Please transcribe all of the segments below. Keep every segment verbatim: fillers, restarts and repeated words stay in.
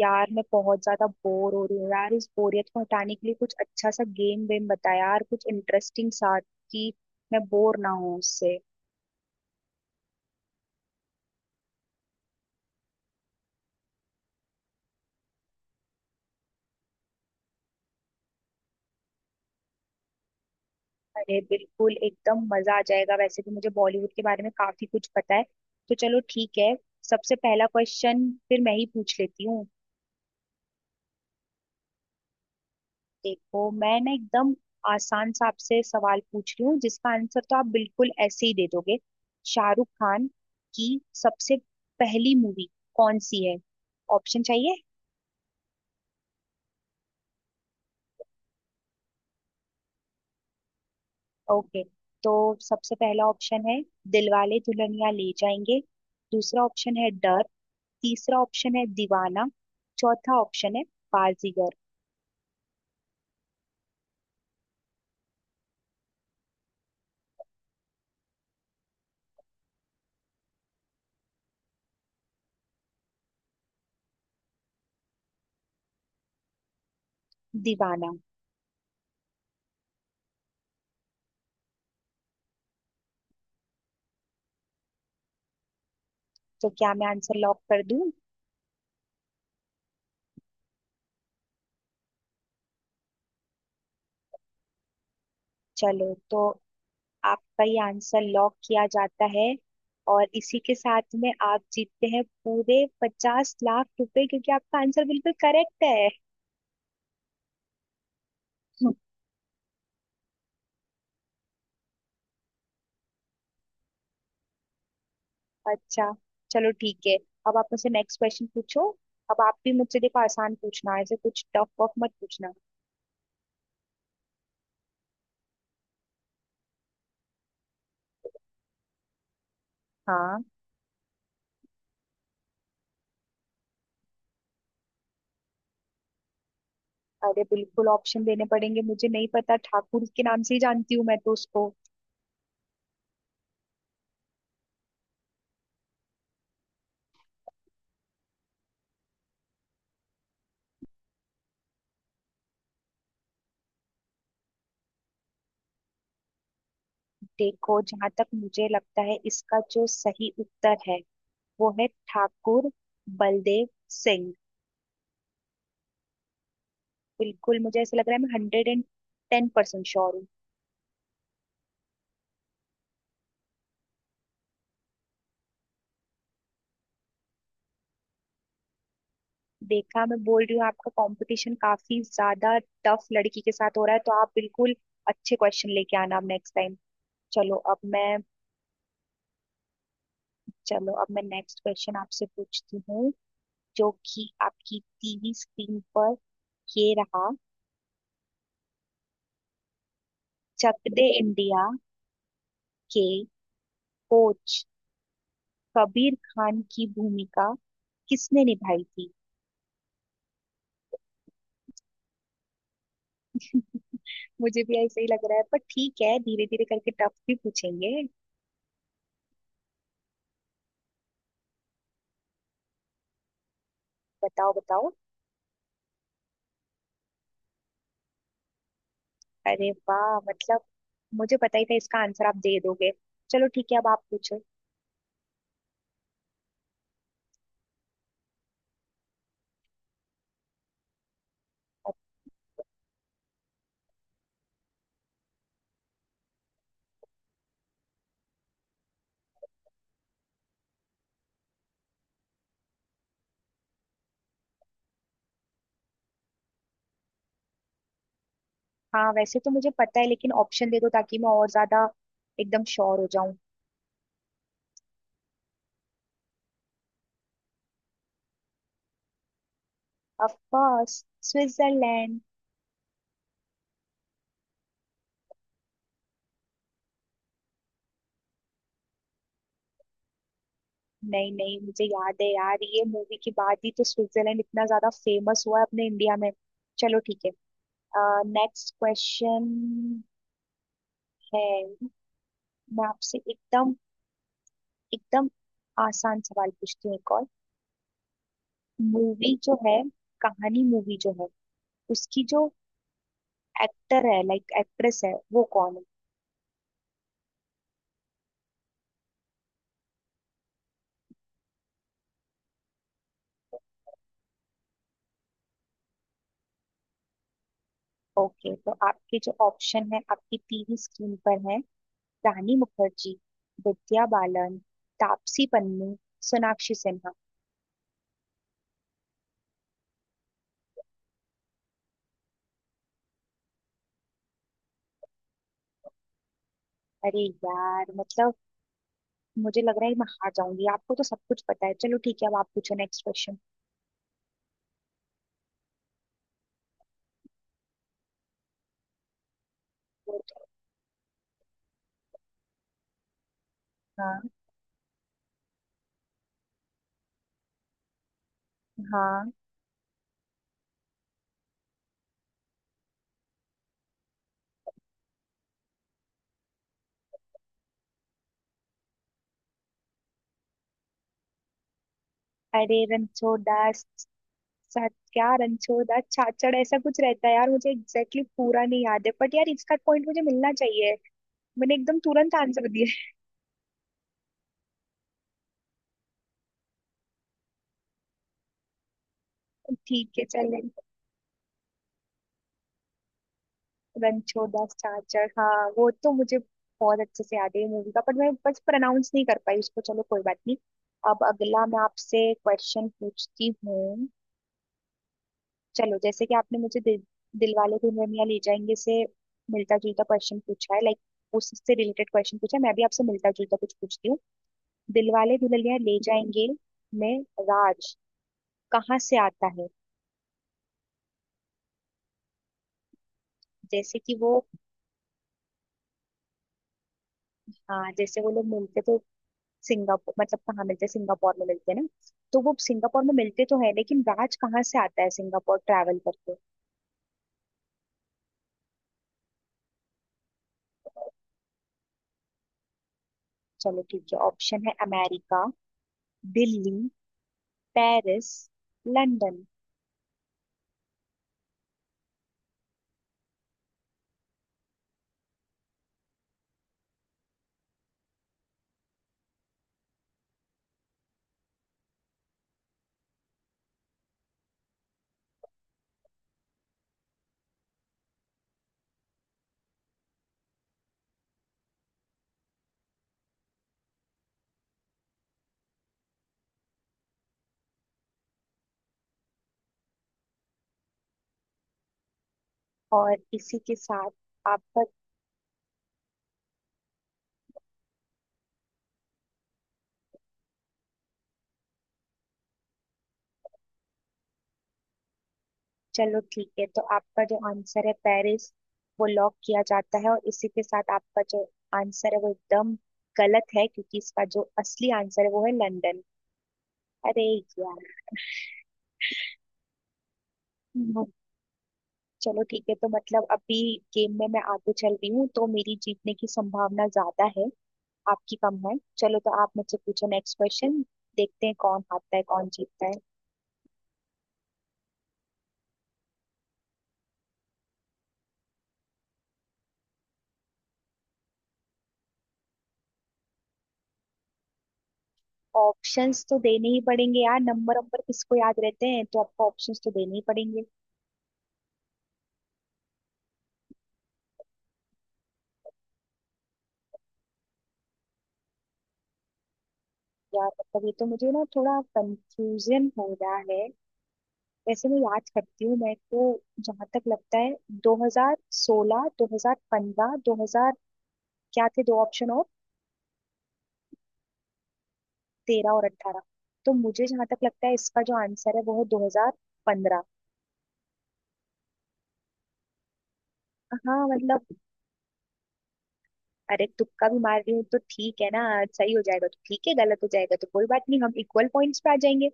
यार, मैं बहुत ज्यादा बोर हो रही हूँ। यार, इस बोरियत को हटाने के लिए कुछ अच्छा सा गेम वेम बता यार, कुछ इंटरेस्टिंग सा कि मैं बोर ना हूँ उससे। अरे बिल्कुल, एकदम मजा आ जाएगा। वैसे भी मुझे बॉलीवुड के बारे में काफी कुछ पता है। तो चलो ठीक है। सबसे पहला क्वेश्चन फिर मैं ही पूछ लेती हूँ। देखो, मैं ना एकदम आसान सा आपसे सवाल पूछ रही हूँ जिसका आंसर तो आप बिल्कुल ऐसे ही दे दोगे। शाहरुख खान की सबसे पहली मूवी कौन सी है? ऑप्शन चाहिए? ओके, तो सबसे पहला ऑप्शन है दिलवाले दुल्हनिया ले जाएंगे। दूसरा ऑप्शन है डर। तीसरा ऑप्शन है दीवाना। चौथा ऑप्शन है बाजीगर। दीवाना। तो क्या मैं आंसर लॉक कर दूं? चलो, तो आपका ये आंसर लॉक किया जाता है, और इसी के साथ में आप जीतते हैं पूरे पचास लाख रुपए क्योंकि आपका आंसर बिल्कुल करेक्ट है। अच्छा। चलो ठीक है। अब आप मुझसे नेक्स्ट क्वेश्चन पूछो। अब आप भी मुझसे देखो आसान पूछना, ऐसे कुछ टफ वफ मत पूछना। हाँ। अरे बिल्कुल, ऑप्शन देने पड़ेंगे, मुझे नहीं पता, ठाकुर के नाम से ही जानती हूँ मैं तो उसको। देखो, जहां तक मुझे लगता है इसका जो सही उत्तर है वो है ठाकुर बलदेव सिंह। बिल्कुल मुझे ऐसा लग रहा है, मैं hundred and ten percent sure हूँ। देखा, मैं बोल रही हूँ आपका कंपटीशन काफी ज्यादा टफ लड़की के साथ हो रहा है, तो आप बिल्कुल अच्छे क्वेश्चन लेके आना अब नेक्स्ट टाइम। चलो अब मैं चलो अब मैं नेक्स्ट क्वेश्चन आपसे पूछती हूँ, जो कि आपकी टीवी स्क्रीन पर ये रहा। चक दे इंडिया के कोच कबीर खान की भूमिका किसने निभाई थी? मुझे भी ऐसा ही लग रहा है, पर ठीक है, धीरे धीरे करके टफ भी पूछेंगे। बताओ बताओ। अरे वाह, मतलब मुझे पता ही था इसका आंसर आप दे दोगे। चलो ठीक है, अब आप पूछो। अब हाँ, वैसे तो मुझे पता है लेकिन ऑप्शन दे दो ताकि मैं और ज्यादा एकदम श्योर हो जाऊं। Of course, Switzerland. नहीं नहीं, मुझे याद है यार, ये मूवी के बाद ही तो स्विट्जरलैंड इतना ज्यादा फेमस हुआ है अपने इंडिया में। चलो ठीक है। नेक्स्ट क्वेश्चन है। मैं आपसे एकदम एकदम आसान सवाल पूछती हूँ एक और। मूवी जो है कहानी मूवी जो है उसकी जो एक्टर है लाइक एक्ट्रेस है वो कौन है? ओके, तो आपके जो ऑप्शन है आपकी टीवी स्क्रीन पर है। रानी मुखर्जी, विद्या बालन, तापसी पन्नू, सोनाक्षी सिन्हा। अरे यार, मतलब मुझे लग रहा है मैं हार जाऊंगी, आपको तो सब कुछ पता है। चलो ठीक है, अब आप पूछो नेक्स्ट क्वेश्चन। हाँ। हाँ। अरे रणछोड़ा स- सा- क्या रणछोड़ा छाछड़ ऐसा कुछ रहता है? यार, मुझे एग्जैक्टली exactly पूरा नहीं याद है, बट यार इसका पॉइंट मुझे मिलना चाहिए। मैंने एकदम तुरंत आंसर दिया। ठीक है चले। रणछोड़ा छाछड़, हाँ वो तो मुझे बहुत अच्छे से याद है मूवी का, पर मैं बस प्रोनाउंस नहीं कर पाई उसको। चलो कोई बात नहीं। अब अगला मैं आपसे क्वेश्चन पूछती हूँ। चलो, जैसे कि आपने मुझे दिल, दिलवाले दुल्हनिया ले जाएंगे से मिलता जुलता क्वेश्चन पूछा है, लाइक उससे रिलेटेड क्वेश्चन पूछा है, मैं भी आपसे मिलता जुलता कुछ पूछती हूँ। दिलवाले दुल्हनिया ले जाएंगे में राज कहाँ से आता है? जैसे कि वो, हाँ जैसे वो लोग मिलते तो सिंगापुर मतलब कहाँ मिलते हैं? सिंगापुर में मिलते हैं ना? तो वो सिंगापुर में मिलते तो है लेकिन राज कहाँ से आता है सिंगापुर ट्रैवल करके। चलो ठीक है, ऑप्शन है अमेरिका, दिल्ली, पेरिस, लंदन। और इसी के साथ आपका। चलो ठीक है, तो आपका जो आंसर है पेरिस वो लॉक किया जाता है, और इसी के साथ आपका जो आंसर है वो एकदम गलत है क्योंकि इसका जो असली आंसर है वो है लंदन। अरे यार। हम्म, चलो ठीक है, तो मतलब अभी गेम में मैं आगे चल रही हूँ तो मेरी जीतने की संभावना ज्यादा है, आपकी कम है। चलो, तो आप मुझसे पूछो नेक्स्ट क्वेश्चन। देखते हैं कौन हारता है कौन जीतता है। ऑप्शंस तो देने ही पड़ेंगे यार, नंबर नंबर किसको याद रहते हैं, तो आपको ऑप्शंस तो देने ही पड़ेंगे। यार मतलब ये तो मुझे ना थोड़ा कंफ्यूजन हो रहा है। वैसे मैं याद करती हूँ, मैं तो जहां तक लगता है, दो हज़ार सोलह, दो हज़ार पंद्रह, दो हज़ार, क्या थे दो ऑप्शन और? तेरह और अठारह। तो मुझे जहां तक लगता है इसका जो आंसर है वो है दो हज़ार पंद्रह। हाँ मतलब। अरे, तुक्का भी मार रही हूँ तो ठीक है ना, सही हो जाएगा तो ठीक है, गलत हो जाएगा तो कोई बात नहीं, हम इक्वल पॉइंट्स पे आ जाएंगे।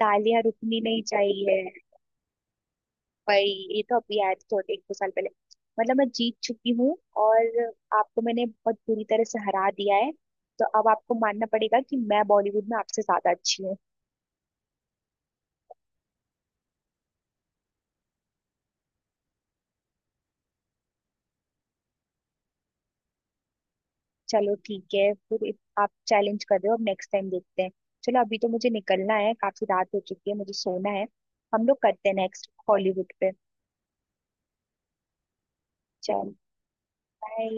तालियां रुकनी नहीं चाहिए। भाई, ये तो अभी आया था थोड़े एक दो साल पहले। मतलब मैं जीत चुकी हूँ और आपको मैंने बहुत बुरी तरह से हरा दिया है, तो अब आपको मानना पड़ेगा कि मैं बॉलीवुड में आपसे ज्यादा अच्छी हूँ। चलो ठीक है फिर, इत- आप चैलेंज कर रहे हो, अब नेक्स्ट टाइम देखते हैं। चलो अभी तो मुझे निकलना है, काफी रात हो चुकी है, मुझे सोना है, हम लोग करते हैं नेक्स्ट हॉलीवुड पे। चल, बाय।